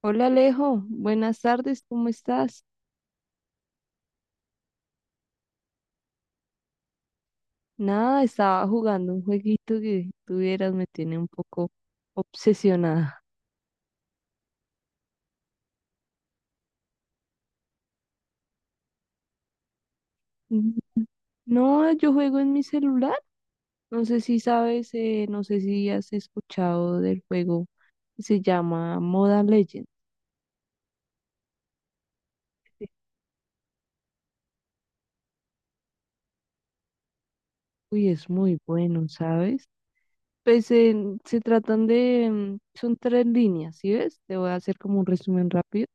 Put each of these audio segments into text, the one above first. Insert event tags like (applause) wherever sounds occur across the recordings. Hola Alejo, buenas tardes, ¿cómo estás? Nada, estaba jugando un jueguito que tuvieras, me tiene un poco obsesionada. Mm, no, yo juego en mi celular. No sé si sabes, no sé si has escuchado del juego. Se llama Moda Legend. Uy, es muy bueno, ¿sabes? Pues se tratan de, son tres líneas, ¿sí ves? Te voy a hacer como un resumen rápido.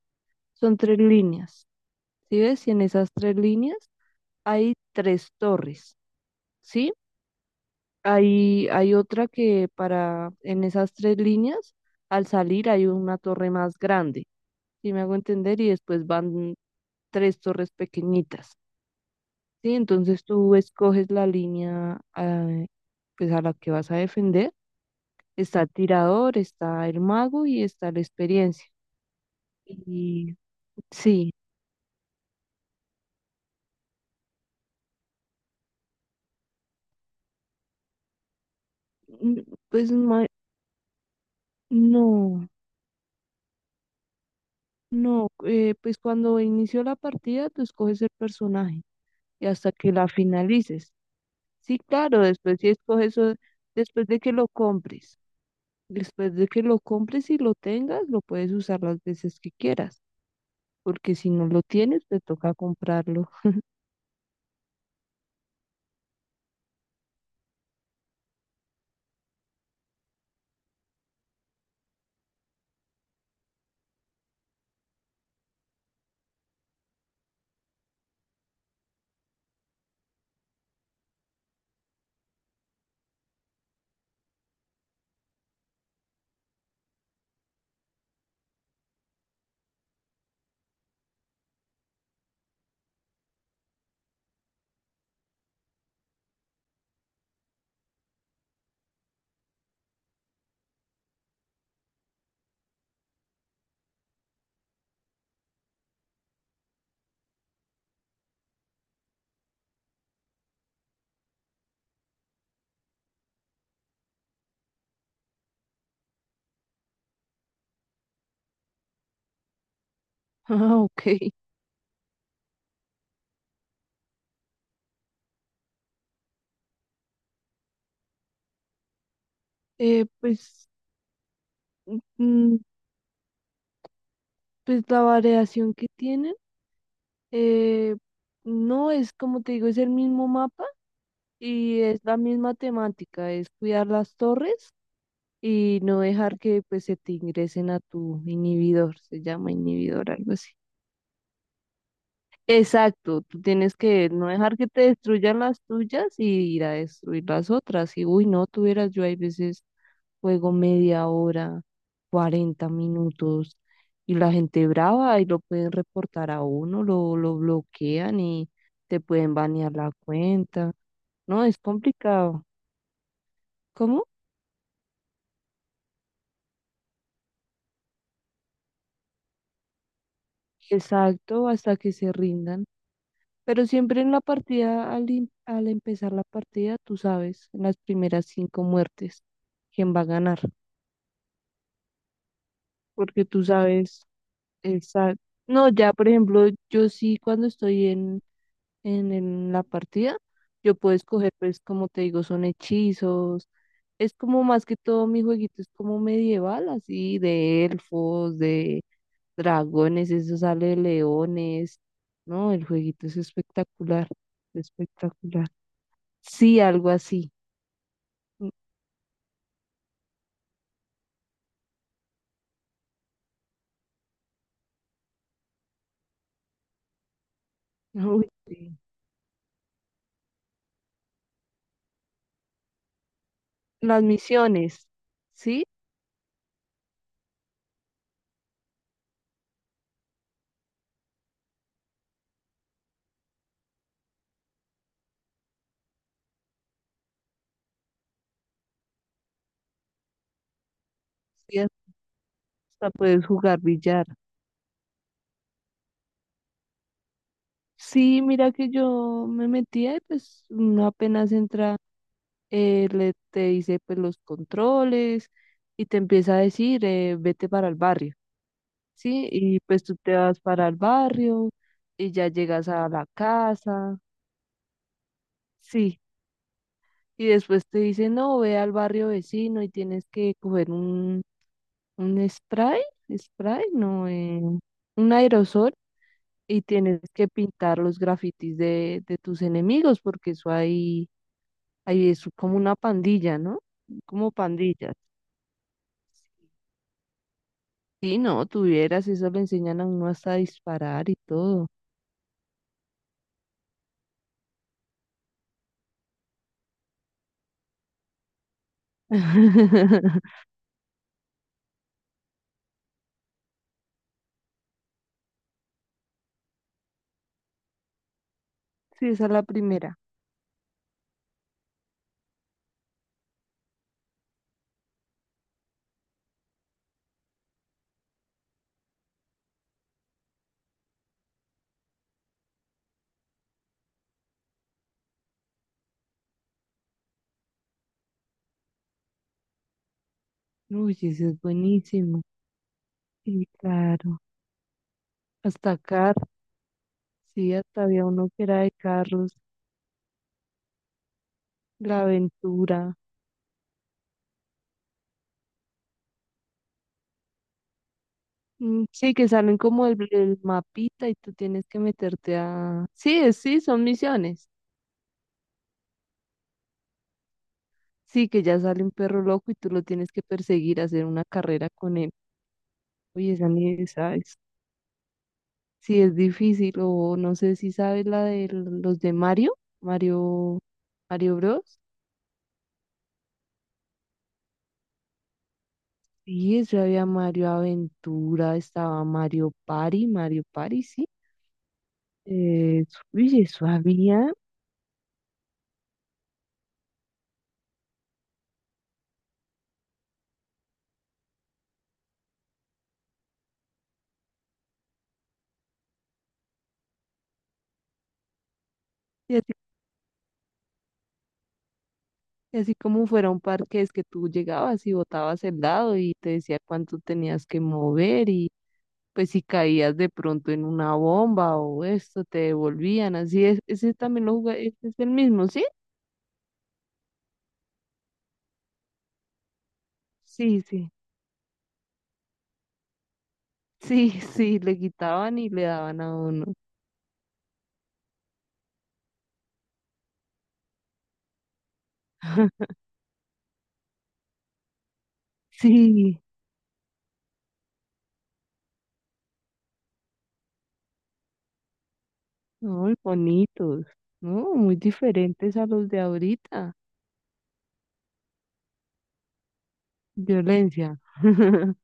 Son tres líneas, ¿sí ves? Y en esas tres líneas hay tres torres, ¿sí? Hay otra que para, en esas tres líneas, al salir hay una torre más grande, ¿sí me hago entender? Y después van tres torres pequeñitas, ¿sí? Entonces tú escoges la línea, pues a la que vas a defender. Está el tirador, está el mago y está la experiencia. Y sí. N- pues ma- no, no, eh, pues cuando inició la partida tú escoges el personaje y hasta que la finalices. Sí, claro, después si escoges eso, después de que lo compres, después de que lo compres y lo tengas, lo puedes usar las veces que quieras, porque si no lo tienes, te toca comprarlo. (laughs) Ah, ok. Eh, pues, mm, pues la variación que tienen, eh, no es como te digo, es el mismo mapa y es la misma temática, es cuidar las torres y no dejar que pues se te ingresen a tu inhibidor, se llama inhibidor, algo así. Exacto, tú tienes que no dejar que te destruyan las tuyas y ir a destruir las otras. Y uy, no tuvieras, yo hay veces juego media hora, 40 minutos y la gente brava y lo pueden reportar a uno, lo bloquean y te pueden banear la cuenta. No, es complicado. ¿Cómo? Exacto, hasta que se rindan. Pero siempre en la partida, al empezar la partida, tú sabes en las primeras cinco muertes quién va a ganar, porque tú sabes esa. No, ya por ejemplo, yo sí cuando estoy en la partida, yo puedo escoger, pues como te digo, son hechizos, es como más que todo mi jueguito es como medieval, así, de elfos, de dragones, eso sale de leones, ¿no? El jueguito es espectacular, espectacular. Sí, algo así. Mm, uy, sí. Las misiones, ¿sí? Sí, hasta puedes jugar billar. Sí, mira que yo me metía y pues uno apenas entra, le, te dice pues los controles y te empieza a decir, vete para el barrio, ¿sí? Y pues tú te vas para el barrio y ya llegas a la casa, sí. Y después te dicen, no, ve al barrio vecino y tienes que coger un, spray, spray, no, un aerosol y tienes que pintar los grafitis de tus enemigos porque eso ahí, ahí es como una pandilla, ¿no? Como pandillas. Sí, no, tuvieras, eso le enseñan a uno hasta a disparar y todo. (laughs) Sí, esa es la primera. Uy, eso es buenísimo. Sí, claro. Hasta acá. Sí, hasta había uno que era de carros, la aventura. Mm, sí, que salen como el mapita y tú tienes que meterte a. Sí, sí, son misiones. Sí, que ya sale un perro loco y tú lo tienes que perseguir, hacer una carrera con él. Oye, esa ni sabes. Sí, es difícil o no sé si sabes la de los de Mario, Mario, Mario Bros. Sí, eso había Mario Aventura, estaba Mario Party, Mario Party, sí. Eh, uy, eso había. Y así como fuera un parque, es que tú llegabas y botabas el dado y te decía cuánto tenías que mover y pues si caías de pronto en una bomba o esto, te devolvían. Así es, ese también lo jugué, ese es el mismo, ¿sí? Sí, sí, sí, (laughs) sí, le quitaban y le daban a uno. (laughs) Sí, muy bonitos, ¿no? Muy diferentes a los de ahorita. Violencia. (laughs)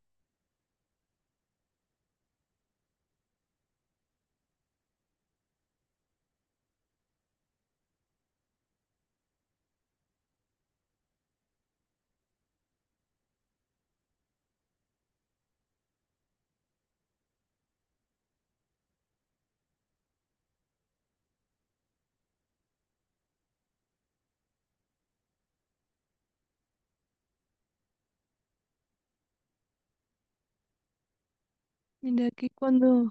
Mira que cuando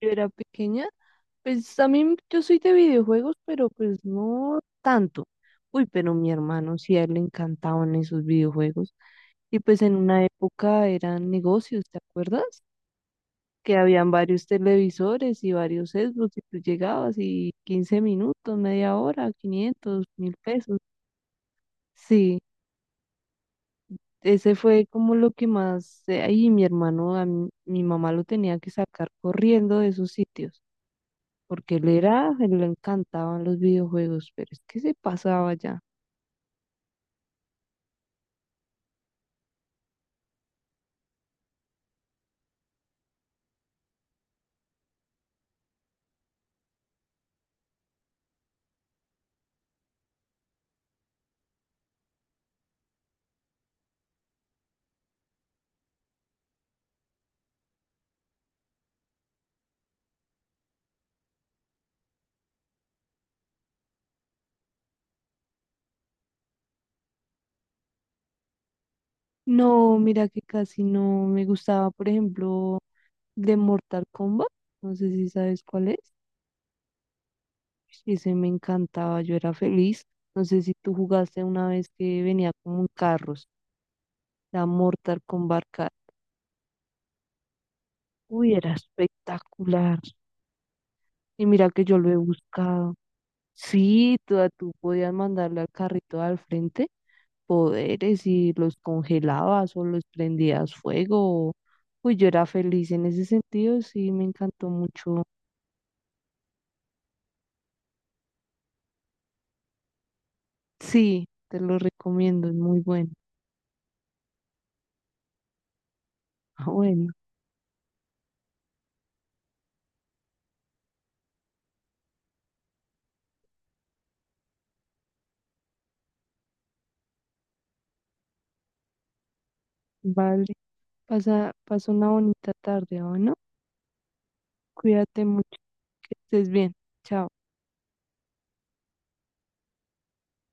yo era pequeña, pues también yo soy de videojuegos, pero pues no tanto. Uy, pero mi hermano sí, a él le encantaban esos videojuegos. Y pues en una época eran negocios, ¿te acuerdas? Que habían varios televisores y varios Xbox y tú llegabas y 15 minutos, media hora, 500.000 pesos. Sí, ese fue como lo que más. Ahí mi hermano, mi mamá lo tenía que sacar corriendo de esos sitios. Porque él era, él le encantaban los videojuegos, pero es que se pasaba ya. No, mira que casi no me gustaba, por ejemplo, de Mortal Kombat, no sé si sabes cuál es, ese me encantaba, yo era feliz, no sé si tú jugaste una vez que venía como en carros, la Mortal Kombat Car, uy, era espectacular, y mira que yo lo he buscado. Sí, tú podías mandarle al carrito al frente poderes y los congelabas o los prendías fuego. Uy, yo era feliz en ese sentido, sí, me encantó mucho. Sí, te lo recomiendo, es muy bueno. (laughs) Ah, bueno, vale. Pasa, pasa una bonita tarde, ¿o no? Cuídate mucho, que estés bien. Chao.